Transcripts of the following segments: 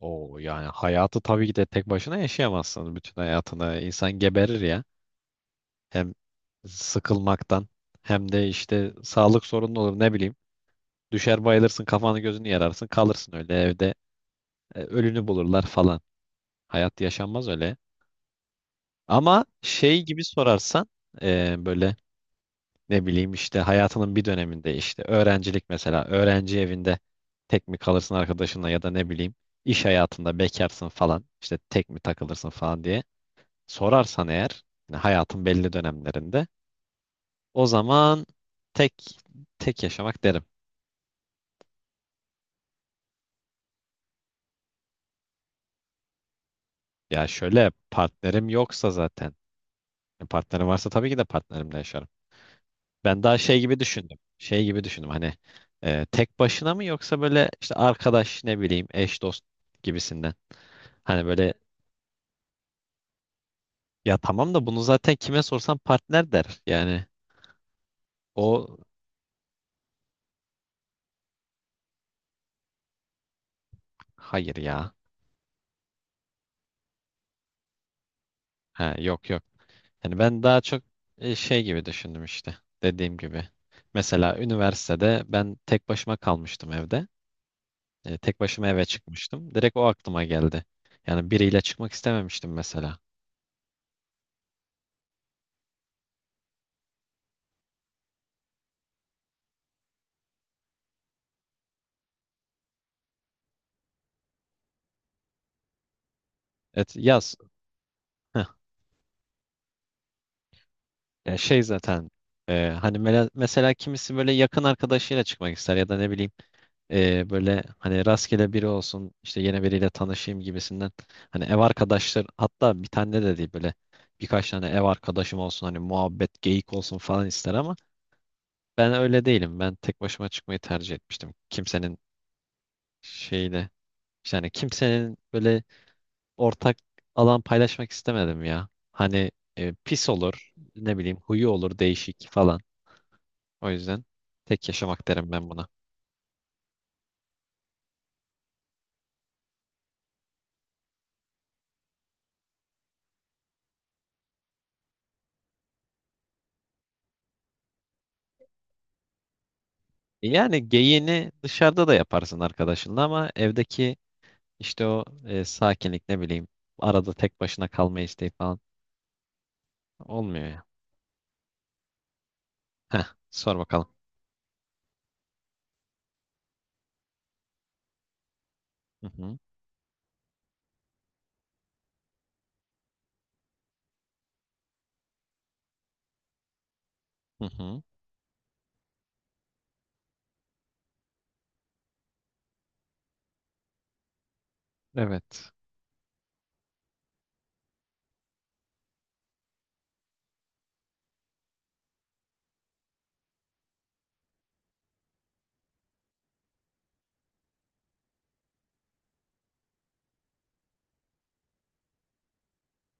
Oo yani hayatı tabii ki de tek başına yaşayamazsın. Bütün hayatını insan geberir ya. Hem sıkılmaktan hem de işte sağlık sorunu olur ne bileyim. Düşer bayılırsın kafanı gözünü yararsın kalırsın öyle evde, ölünü bulurlar falan. Hayat yaşanmaz öyle. Ama şey gibi sorarsan böyle ne bileyim işte hayatının bir döneminde işte öğrencilik mesela öğrenci evinde tek mi kalırsın arkadaşınla ya da ne bileyim iş hayatında bekarsın falan işte tek mi takılırsın falan diye sorarsan eğer yani hayatın belli dönemlerinde o zaman tek tek yaşamak derim. Ya şöyle partnerim yoksa zaten yani partnerim varsa tabii ki de partnerimle yaşarım. Ben daha şey gibi düşündüm. Şey gibi düşündüm hani tek başına mı yoksa böyle işte arkadaş ne bileyim eş dost gibisinden. Hani böyle ya tamam da bunu zaten kime sorsan partner der. Yani o hayır ya. Ha, yok yok. Hani ben daha çok şey gibi düşündüm işte dediğim gibi. Mesela üniversitede ben tek başıma kalmıştım evde. Tek başıma eve çıkmıştım. Direkt o aklıma geldi. Yani biriyle çıkmak istememiştim mesela. Evet yaz. Heh. Ya şey zaten hani mesela kimisi böyle yakın arkadaşıyla çıkmak ister ya da ne bileyim böyle hani rastgele biri olsun işte yine biriyle tanışayım gibisinden hani ev arkadaşlar hatta bir tane de değil böyle birkaç tane ev arkadaşım olsun hani muhabbet geyik olsun falan ister ama ben öyle değilim, ben tek başıma çıkmayı tercih etmiştim, kimsenin şeyle yani kimsenin böyle ortak alan paylaşmak istemedim ya hani pis olur ne bileyim huyu olur değişik falan, o yüzden tek yaşamak derim ben buna. Yani geyiğini dışarıda da yaparsın arkadaşınla ama evdeki işte o sakinlik ne bileyim arada tek başına kalma isteği falan olmuyor ya. Heh, sor bakalım. Hı hı, hı hı. Evet.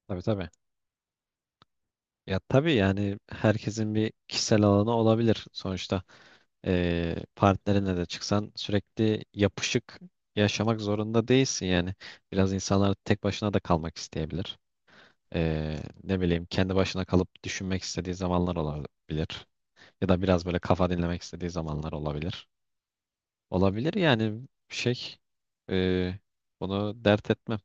Tabii tabii. Ya tabii yani herkesin bir kişisel alanı olabilir sonuçta. Partnerinle de çıksan sürekli yapışık yaşamak zorunda değilsin yani. Biraz insanlar tek başına da kalmak isteyebilir. E, Ne bileyim kendi başına kalıp düşünmek istediği zamanlar olabilir. Ya da biraz böyle kafa dinlemek istediği zamanlar olabilir. Olabilir yani şey e, bunu dert etmem.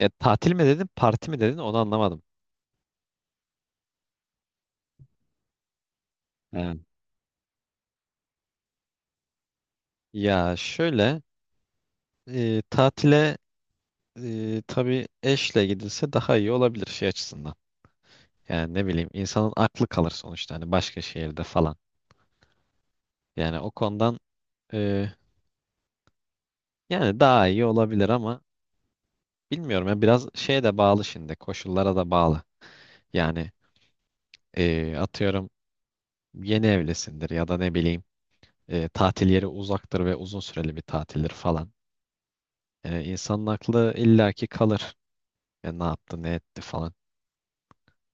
Tatil mi dedin parti mi dedin onu anlamadım. He. Ya şöyle tatile tabii eşle gidilse daha iyi olabilir şey açısından. Yani ne bileyim insanın aklı kalır sonuçta hani başka şehirde falan. Yani o konudan e, yani daha iyi olabilir ama bilmiyorum ya biraz şeye de bağlı şimdi, koşullara da bağlı. Yani atıyorum yeni evlisindir ya da ne bileyim tatil yeri uzaktır ve uzun süreli bir tatildir falan. Yani insanın aklı illaki kalır. Ya ne yaptı ne etti falan.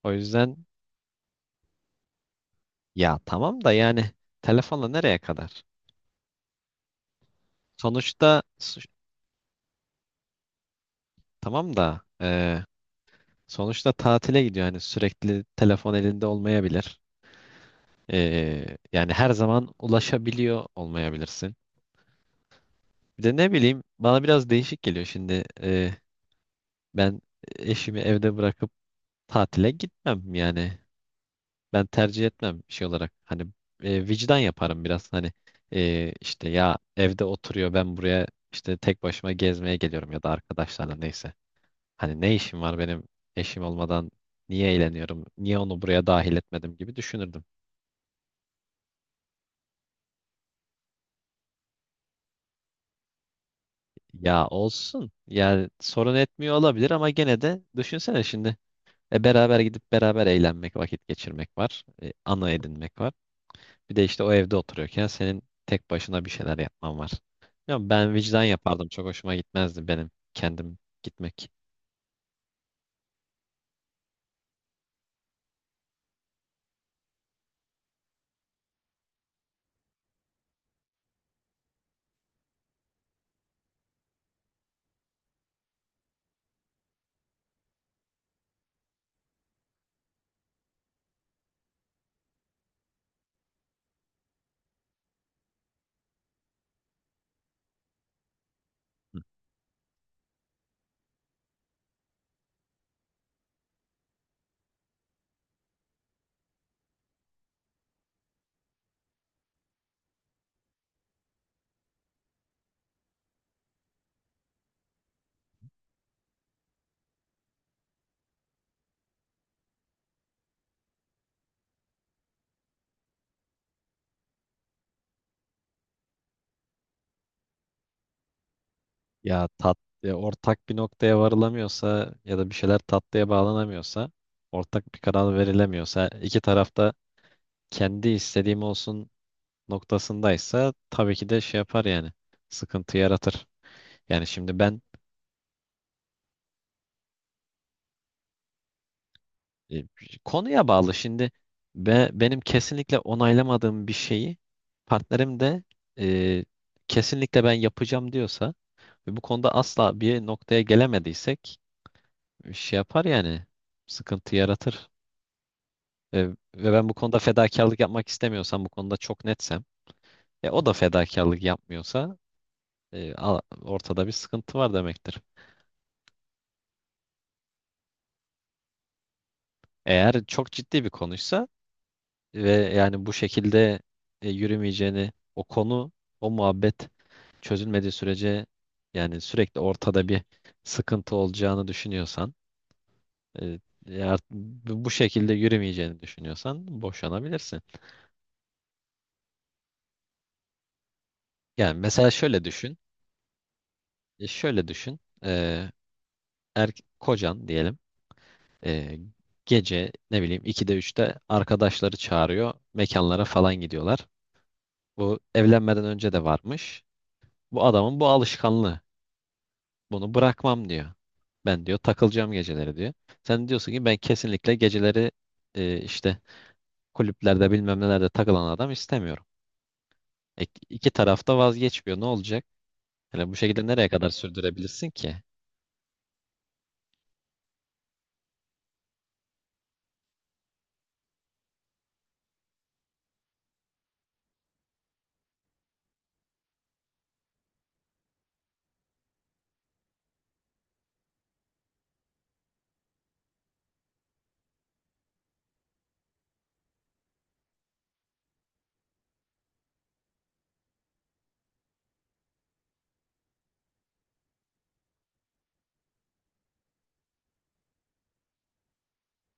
O yüzden ya tamam da yani telefonla nereye kadar? Sonuçta tamam da sonuçta tatile gidiyor. Yani sürekli telefon elinde olmayabilir. Yani her zaman ulaşabiliyor olmayabilirsin. Bir de ne bileyim bana biraz değişik geliyor şimdi. Ben eşimi evde bırakıp tatile gitmem yani. Ben tercih etmem şey olarak. Hani vicdan yaparım biraz. Hani işte ya evde oturuyor, ben buraya işte tek başıma gezmeye geliyorum ya da arkadaşlarla neyse. Hani ne işim var benim eşim olmadan, niye eğleniyorum? Niye onu buraya dahil etmedim gibi düşünürdüm. Ya olsun. Yani sorun etmiyor olabilir ama gene de düşünsene şimdi. Beraber gidip beraber eğlenmek, vakit geçirmek var. Ana edinmek var. Bir de işte o evde oturuyorken senin tek başına bir şeyler yapman var. Ya ben vicdan yapardım. Çok hoşuma gitmezdi benim kendim gitmek. Ya ya ortak bir noktaya varılamıyorsa ya da bir şeyler tatlıya bağlanamıyorsa, ortak bir karar verilemiyorsa, iki tarafta kendi istediğim olsun noktasındaysa tabii ki de şey yapar yani. Sıkıntı yaratır. Yani şimdi ben e, konuya bağlı. Şimdi benim kesinlikle onaylamadığım bir şeyi partnerim de e, kesinlikle ben yapacağım diyorsa ve bu konuda asla bir noktaya gelemediysek şey yapar yani. Sıkıntı yaratır. E, Ve ben bu konuda fedakarlık yapmak istemiyorsam, bu konuda çok netsem, o da fedakarlık yapmıyorsa ortada bir sıkıntı var demektir. Eğer çok ciddi bir konuysa ve yani bu şekilde yürümeyeceğini, o konu o muhabbet çözülmediği sürece yani sürekli ortada bir sıkıntı olacağını düşünüyorsan e, ya bu şekilde yürümeyeceğini düşünüyorsan boşanabilirsin. Yani mesela şöyle düşün şöyle düşün er, kocan diyelim e, gece ne bileyim 2'de 3'te arkadaşları çağırıyor, mekanlara falan gidiyorlar. Bu evlenmeden önce de varmış. Bu adamın bu alışkanlığı. Bunu bırakmam diyor. Ben diyor takılacağım geceleri diyor. Sen diyorsun ki ben kesinlikle geceleri işte kulüplerde bilmem nelerde takılan adam istemiyorum. E, iki taraf da vazgeçmiyor. Ne olacak? Yani bu şekilde nereye kadar sürdürebilirsin ki?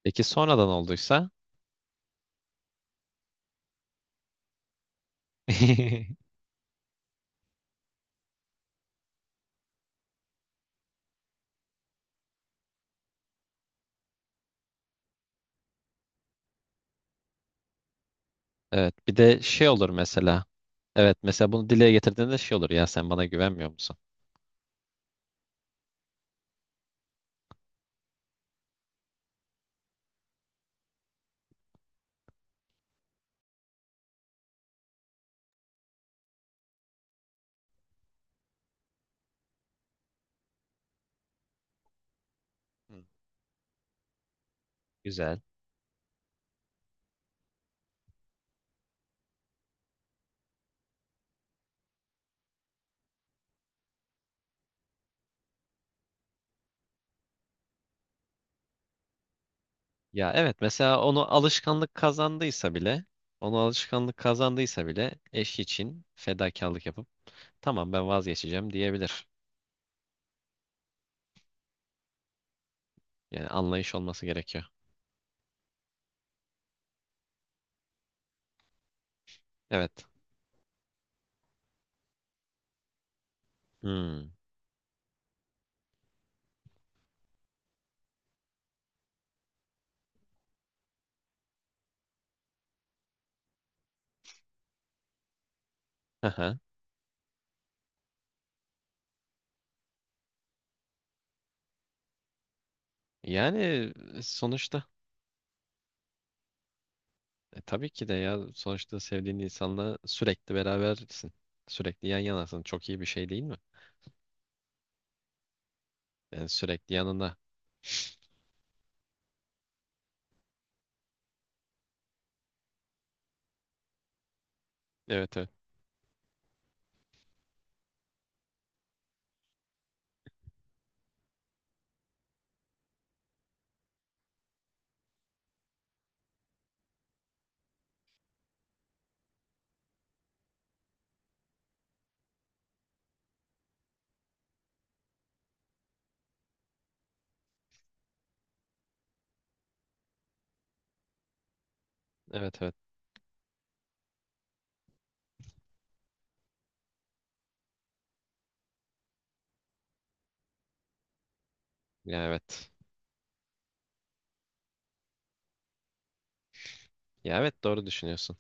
Peki sonradan olduysa? Evet bir de şey olur mesela. Evet mesela bunu dile getirdiğinde şey olur. Ya sen bana güvenmiyor musun? Hı. Güzel. Ya evet mesela onu alışkanlık kazandıysa bile, onu alışkanlık kazandıysa bile eş için fedakarlık yapıp tamam ben vazgeçeceğim diyebilir. Yani anlayış olması gerekiyor. Evet. Hmm. Aha. Yani sonuçta tabii ki de ya sonuçta sevdiğin insanla sürekli berabersin. Sürekli yan yanasın. Çok iyi bir şey değil mi? Yani sürekli yanında. Evet evet. Evet evet. Ya evet. Ya evet doğru düşünüyorsun.